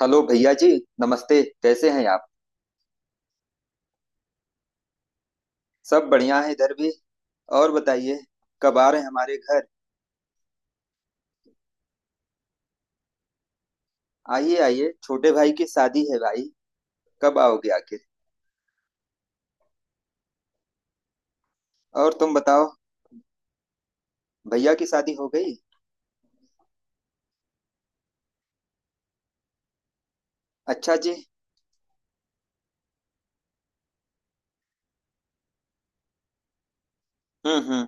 Hello भैया जी। नमस्ते, कैसे हैं आप? सब बढ़िया है, इधर भी। और बताइए, कब आ रहे हैं हमारे घर? आइए आइए, छोटे भाई की शादी है भाई। कब आओगे आखिर? और तुम बताओ। भैया की शादी हो गई? अच्छा जी। हम्म।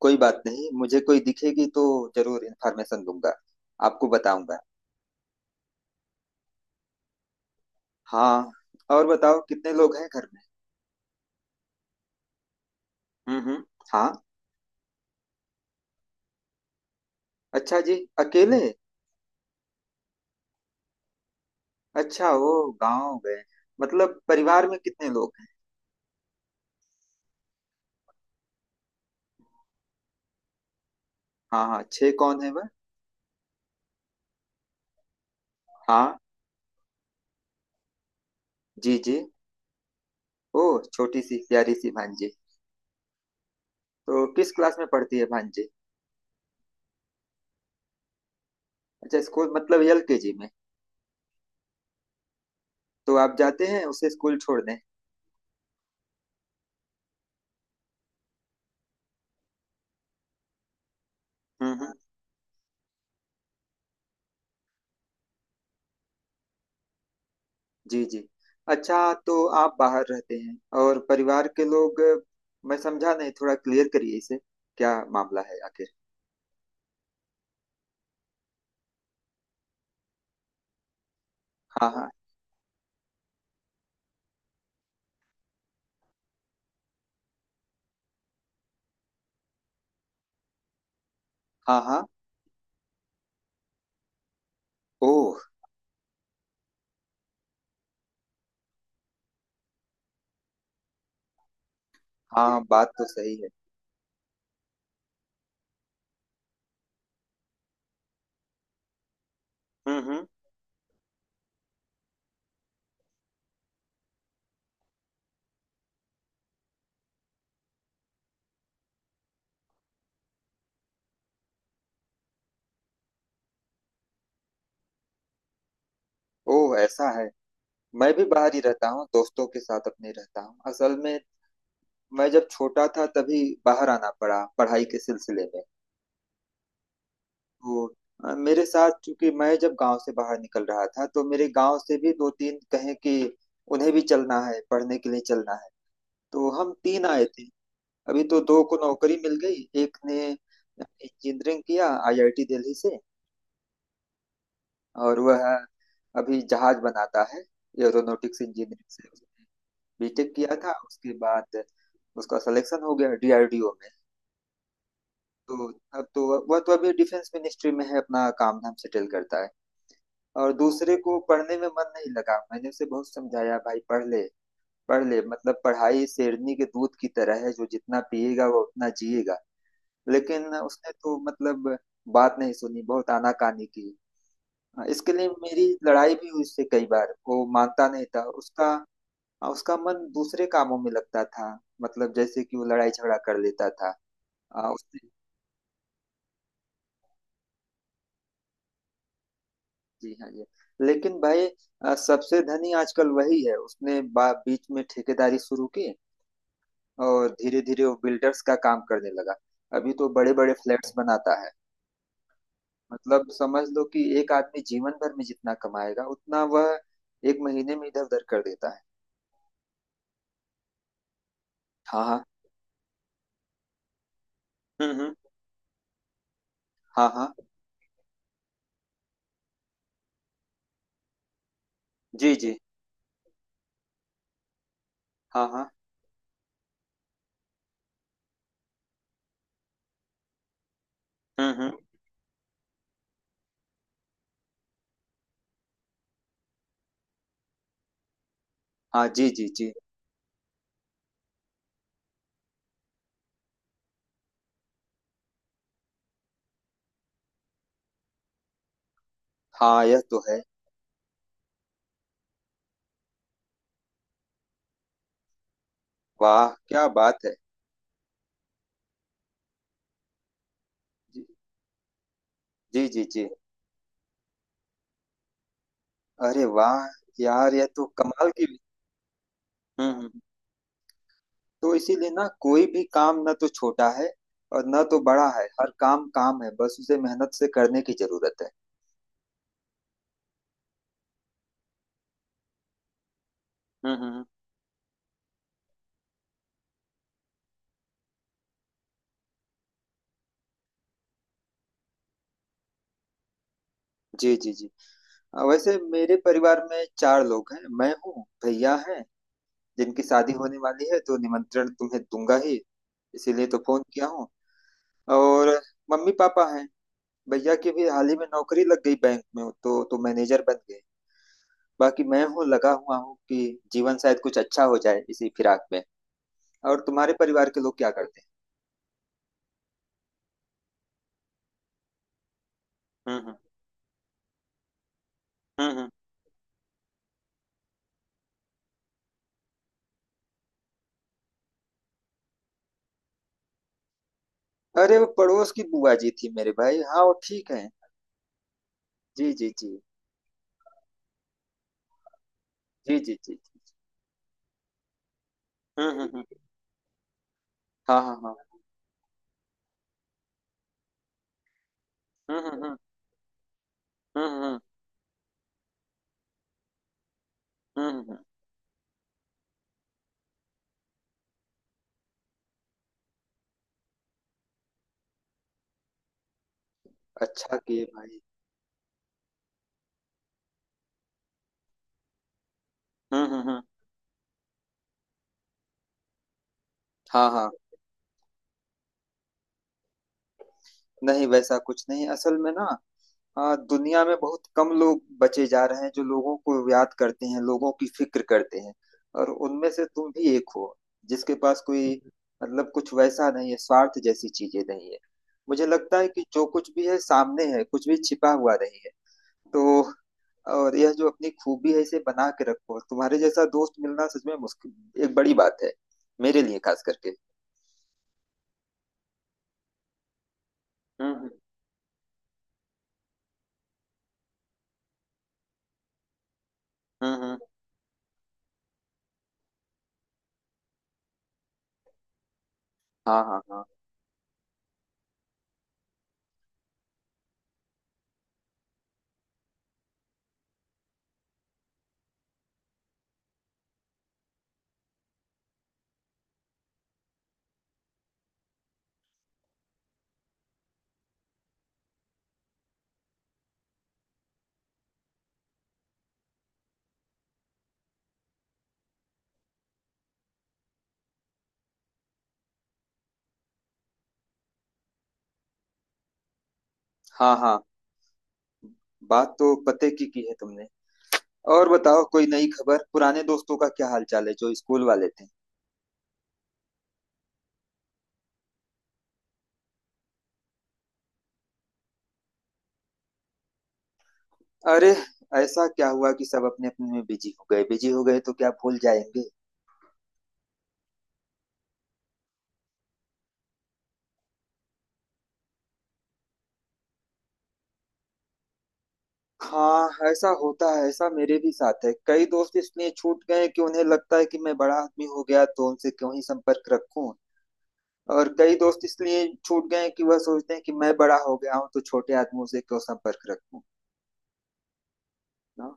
कोई बात नहीं, मुझे कोई दिखेगी तो जरूर इन्फॉर्मेशन दूंगा, आपको बताऊंगा। हाँ। और बताओ, कितने लोग हैं घर में? हम्म। हाँ। अच्छा जी। अकेले? अच्छा, वो गाँव गए? मतलब परिवार में कितने लोग हैं? हाँ हाँ, छह कौन है वह? हाँ। जी जी। ओह, छोटी सी प्यारी सी भांजी। तो किस क्लास में पढ़ती है भांजी? अच्छा, स्कूल मतलब एलकेजी में? तो आप जाते हैं उसे स्कूल छोड़ने? हम्म। जी जी। अच्छा। तो आप बाहर रहते हैं और परिवार के लोग? मैं समझा नहीं, थोड़ा क्लियर करिए इसे। क्या मामला है आखिर? हाँ हाँ। हाँ हाँ। ओह। हाँ, बात तो सही है। हम्म। ओह, ऐसा है। मैं भी बाहर ही रहता हूँ, दोस्तों के साथ अपने रहता हूँ असल में। मैं जब छोटा था तभी बाहर आना पड़ा पढ़ाई के सिलसिले में। वो मेरे साथ, चूंकि मैं जब गांव से बाहर निकल रहा था, तो मेरे गांव से भी दो तीन, कहें कि उन्हें भी चलना है, पढ़ने के लिए चलना है, तो हम तीन आए थे। अभी तो दो को नौकरी मिल गई, एक ने इंजीनियरिंग किया आईआईटी दिल्ली से, और वह अभी जहाज बनाता है। एरोनॉटिक्स इंजीनियरिंग से उसने बीटेक किया था, उसके बाद उसका सिलेक्शन हो गया डीआरडीओ में। तो अब तो वह तो अभी डिफेंस मिनिस्ट्री में है, अपना काम धाम सेटल करता है। और दूसरे को पढ़ने में मन नहीं लगा। मैंने उसे बहुत समझाया, भाई पढ़ ले, पढ़ ले, मतलब पढ़ाई शेरनी के दूध की तरह है, जो जितना पिएगा वो उतना जिएगा। लेकिन उसने तो मतलब बात नहीं सुनी, बहुत आनाकानी की। इसके लिए मेरी लड़ाई भी हुई उससे कई बार, वो मानता नहीं था उसका। उसका मन दूसरे कामों में लगता था, मतलब जैसे कि वो लड़ाई झगड़ा कर लेता था। उसने... जी हाँ जी। लेकिन भाई, सबसे धनी आजकल वही है। उसने बीच में ठेकेदारी शुरू की, और धीरे धीरे वो बिल्डर्स का काम करने लगा। अभी तो बड़े बड़े फ्लैट्स बनाता है। मतलब समझ लो कि एक आदमी जीवन भर में जितना कमाएगा, उतना वह एक महीने में इधर उधर कर देता है। हाँ हाँ। हम्म। हाँ हाँ। जी जी। हाँ हाँ। हम्म। हाँ। जी जी जी। हाँ, यह तो है। वाह, क्या बात है। जी जी जी जी। अरे वाह, यार यह तो कमाल की। हम्म हम्म। तो इसीलिए ना, कोई भी काम ना तो छोटा है और ना तो बड़ा है। हर काम काम है, बस उसे मेहनत से करने की जरूरत है। हम्म हम्म, हम्म। जी जी जी। वैसे मेरे परिवार में चार लोग हैं। मैं हूँ, भैया हैं, जिनकी शादी होने वाली है, तो निमंत्रण तुम्हें दूंगा ही, इसीलिए तो फोन किया हूँ। और मम्मी पापा हैं। भैया की भी हाल ही में नौकरी लग गई बैंक में, तो मैनेजर बन गए। बाकी मैं हूँ, लगा हुआ हूँ कि जीवन शायद कुछ अच्छा हो जाए इसी फिराक में। और तुम्हारे परिवार के लोग क्या करते हैं? हम्म। हम्म हम्म। अरे, वो पड़ोस की बुआ जी थी मेरे भाई। हाँ वो ठीक है। जी जी जी। जी जी जी जी। हम्म। हाँ हाँ हाँ। हम्म। हम्म। हम्म। अच्छा किए भाई। हम्म। हाँ हाँ। नहीं, वैसा कुछ नहीं, असल में ना, दुनिया में बहुत कम लोग बचे जा रहे हैं जो लोगों को याद करते हैं, लोगों की फिक्र करते हैं। और उनमें से तुम भी एक हो, जिसके पास कोई मतलब कुछ वैसा नहीं है, स्वार्थ जैसी चीजें नहीं है। मुझे लगता है कि जो कुछ भी है सामने है, कुछ भी छिपा हुआ नहीं है। तो और यह जो अपनी खूबी है, इसे बना के रखो। तुम्हारे जैसा दोस्त मिलना सच में मुश्किल, एक बड़ी बात है मेरे लिए, खास करके। हम्म हम्म। हम्म। हाँ हाँ। हाँ हाँ। हाँ, बात तो पते की है तुमने। और बताओ, कोई नई खबर, पुराने दोस्तों का क्या हाल चाल है, जो स्कूल वाले थे? अरे, ऐसा क्या हुआ कि सब अपने अपने में बिजी हो गए? बिजी हो गए तो क्या भूल जाएंगे? हाँ, ऐसा होता है, ऐसा मेरे भी साथ है। कई दोस्त इसलिए छूट गए कि उन्हें लगता है कि मैं बड़ा आदमी हो गया तो उनसे क्यों ही संपर्क रखूं। और कई दोस्त इसलिए छूट गए हैं कि वह सोचते हैं कि मैं बड़ा हो गया हूँ तो छोटे आदमियों से क्यों संपर्क रखूं। ना।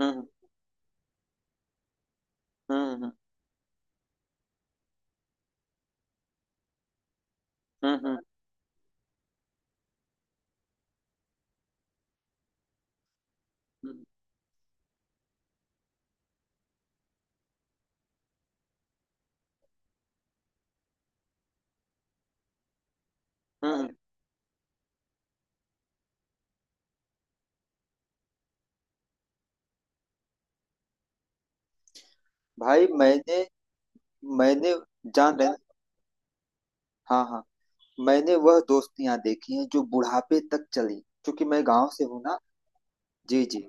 हम्म। हम्म। हम्म हम्म। हम्म। भाई मैंने... मैंने जान रहे। हाँ हाँ। मैंने वह दोस्तियां देखी हैं जो बुढ़ापे तक चली, क्योंकि मैं गांव से हूं ना। जी जी।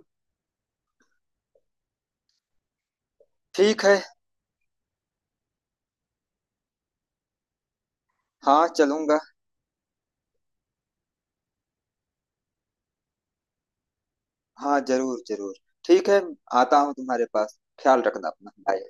ठीक है। हाँ चलूंगा। हाँ जरूर जरूर। ठीक है। आता हूँ तुम्हारे पास, ख्याल रखना अपना। बाय।